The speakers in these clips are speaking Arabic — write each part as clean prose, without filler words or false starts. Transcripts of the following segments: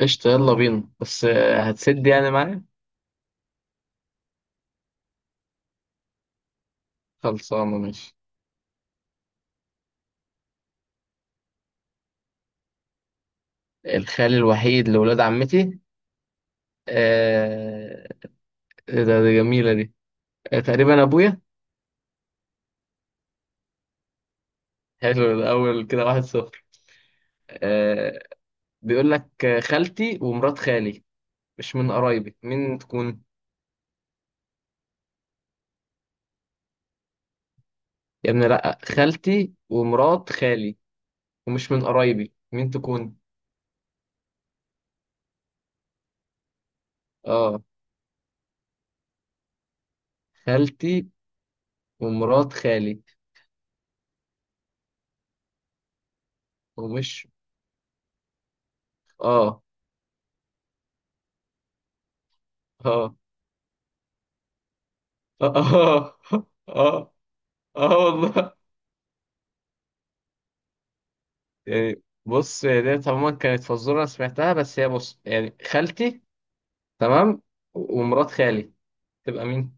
قشطة، يلا بينا. بس هتسد يعني معايا. خلصانة، ماشي. الخال الوحيد لولاد عمتي. آه، إيه ده؟ دي جميلة دي. آه، تقريبا أبويا. حلو، الأول كده 1-0. آه، بيقول لك خالتي ومرات خالي. مش من قرايبي، مين تكون؟ يا ابني لأ، خالتي ومرات خالي. ومش من قرايبي، مين تكون؟ اه، خالتي ومرات خالي ومش. اه، اه، اه، اه، آه. آه. اه والله. يعني بص، هي ديت عموما كانت فزورة أنا سمعتها. بس هي، بص، يعني خالتي، تمام، و- ومرات خالي تبقى مين؟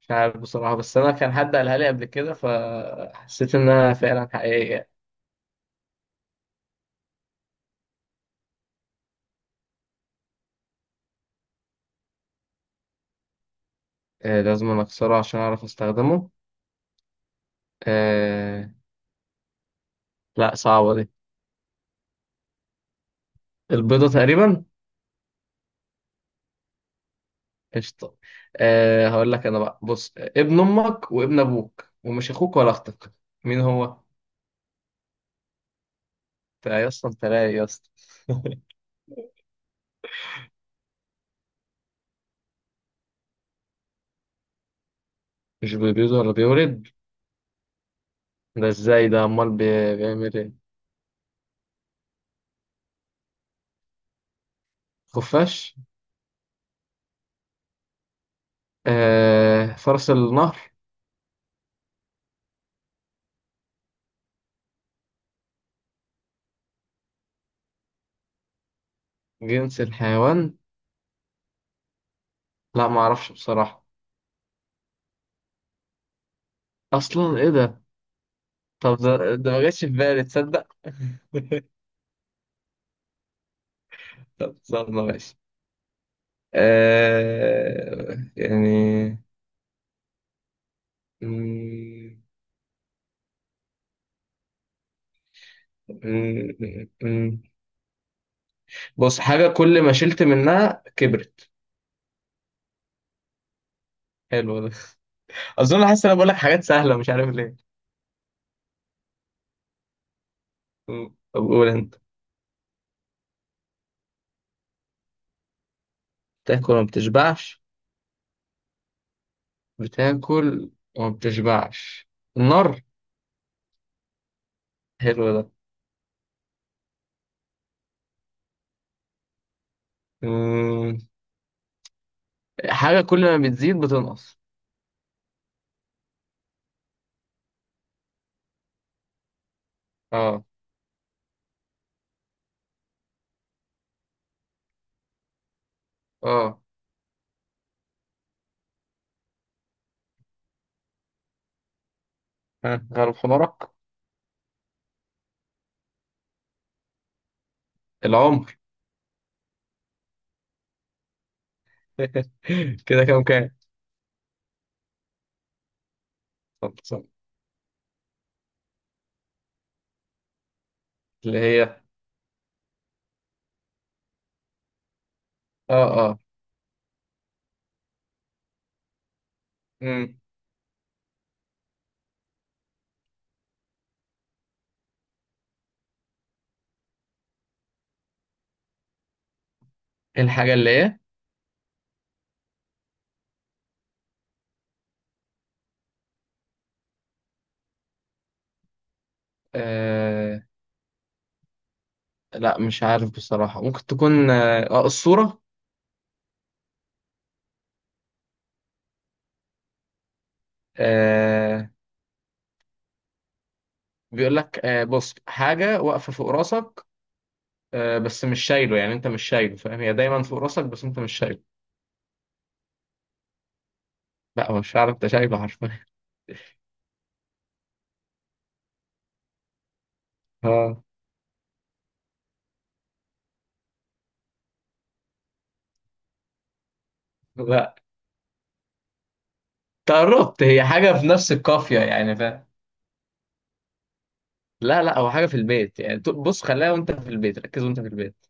مش عارف بصراحة، بس أنا كان حد قالها لي قبل كده فحسيت إنها فعلا حقيقية. آه، لازم أنا أكسره عشان أعرف أستخدمه. آه، لا، صعبة دي. البيضة تقريبا. قشطة. آه، هقول لك أنا بقى. بص، ابن أمك وابن أبوك ومش أخوك ولا أختك. مين هو؟ أنت يا اسطى، أنت رايق يا اسطى. مش بيبيض ولا بيولد؟ ده ازاي ده؟ امال بيعمل ايه؟ خفاش؟ آه، فرس النهر؟ جنس الحيوان. لا، ما اعرفش بصراحة. اصلا ايه ده؟ طب ده ما جاش في بالي، تصدق. طب، صدمة، ماشي. آه يعني. مم، مم، مم، مم. بص، حاجة كل ما شلت منها كبرت. حلو ده. اظن حاسس إن انا بقول لك حاجات سهلة، مش عارف ليه. مم. طب قول انت. تاكل ما بتشبعش؟ بتاكل وما بتشبعش. النار. حلو ده. مم. حاجة كل ما بتزيد بتنقص. اه، اه. ها، غلب حمارك. العمر. كده كام كام؟ طب، طب. اللي هي اه مم. الحاجة اللي هي آه... لا، مش عارف بصراحة. ممكن تكون الصورة. آه... بيقول لك، بص، حاجة واقفة فوق راسك. آه، بس مش شايله، يعني انت مش شايله، فاهم؟ هي دايما فوق راسك بس انت مش شايله. لا، هو مش عارف، انت شايله حرفيا. اه. لا، تقربت، هي حاجة في نفس القافية، يعني فاهم؟ لا، لا، هو حاجة في البيت، يعني بص خليها وانت في البيت، ركز وانت في البيت.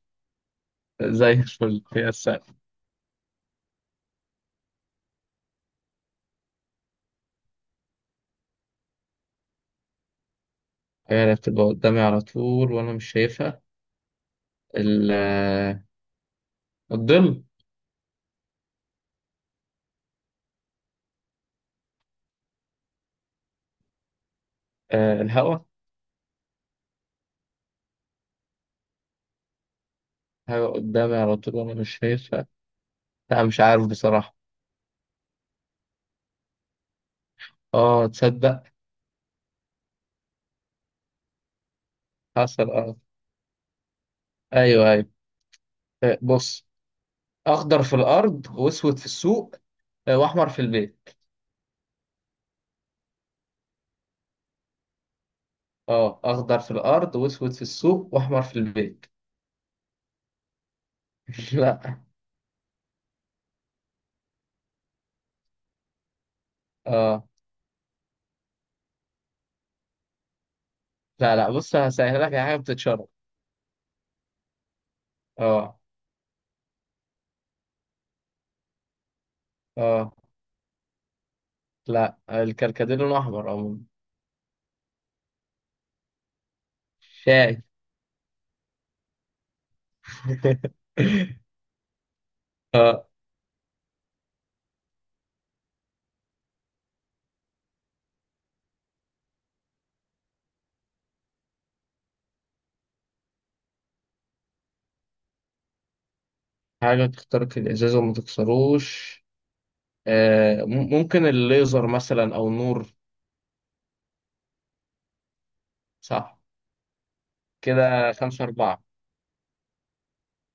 زي الفل. هي السقف. هي اللي بتبقى قدامي على طول وانا مش شايفها؟ ال- آه، الظل. الهوا. حاجة قدامي على طول وانا مش شايفها. لا، مش عارف بصراحة. اه، تصدق. حصل، اه، ايوه ايوه. آه، بص، اخضر في الارض واسود في السوق، واحمر في البيت. اه، اخضر في الارض واسود في السوق واحمر في البيت. لا. اه. لا، لا، بص هسهل لك، حاجه بتتشرب. اه. اه. لا، الكركديه لونه احمر عموما. شاي. حاجه تخترق الازاز وما تكسروش. ممكن الليزر مثلا او النور. صح. كده 5-4.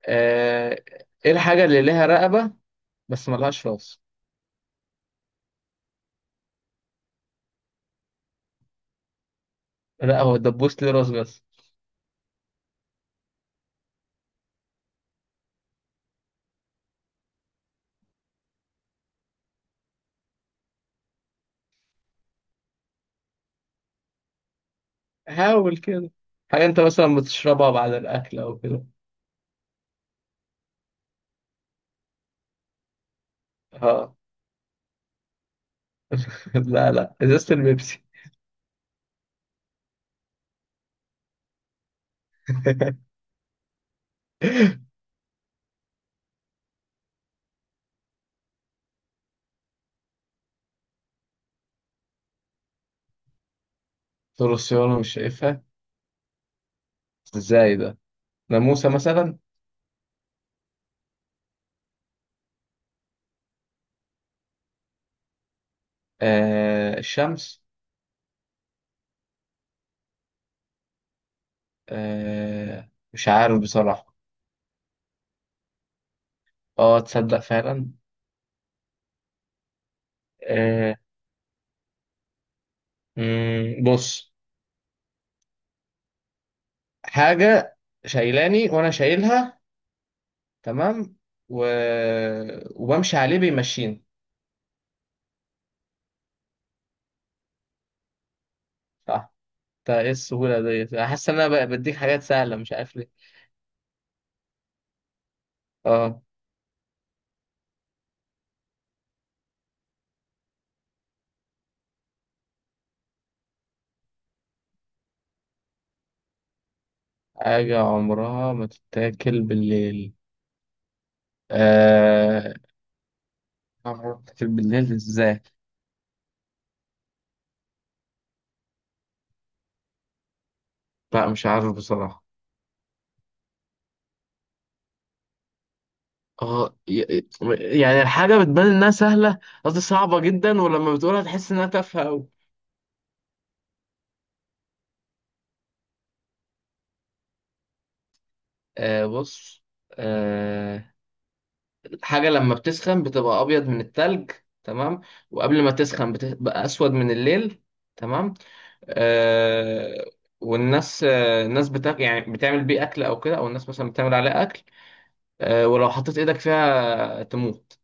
آه، ايه الحاجه اللي ليها رقبه بس ملهاش راس؟ لا، هو الدبوس ليه راس بس. حاول كده، حاجه انت مثلا بتشربها بعد الاكل او كده. اه. لا، لا، ازازه البيبسي. طول السيارة مش شايفها. ازاي ده؟ ناموسة مثلا. آه، الشمس. آه، مش عارف بصراحة. اه، تصدق فعلا. آه، بص، حاجة شايلاني وانا شايلها، تمام، و... وبمشي عليه بيمشيني. صح. انت ايه السهولة ديت، انا حاسس ان انا بديك حاجات سهلة، مش عارف ليه. اه. حاجة عمرها ما تتاكل بالليل؟ آه، عمرها ما تتاكل بالليل ازاي؟ لا، مش عارف بصراحة. اه، يعني الحاجة بتبان انها سهلة. قصدي صعبة جدا، ولما بتقولها تحس انها تافهة اوي. آه، بص. آه، الحاجة لما بتسخن بتبقى ابيض من التلج، تمام، وقبل ما تسخن بتبقى اسود من الليل، تمام. آه، والناس آه الناس بتاكل يعني بتعمل بيه اكل او كده، او الناس مثلا بتعمل عليه اكل. آه، ولو حطيت ايدك فيها تموت.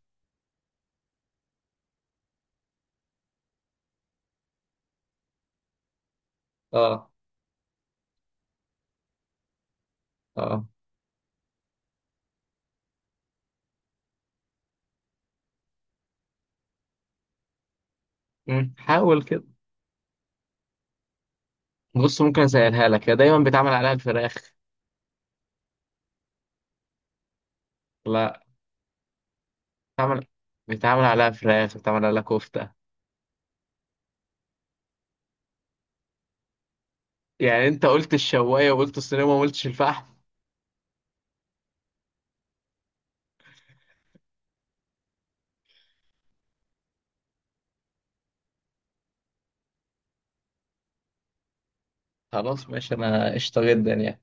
اه، اه. حاول كده. بص، ممكن اسهلها لك، هي دايما بيتعمل عليها الفراخ. لا. بيتعمل بيتعمل عليها فراخ، بيتعمل عليها كفتة. يعني انت قلت الشواية وقلت الصينية وما قلتش الفحم. خلاص، ماشي، انا قشطة جدا يعني.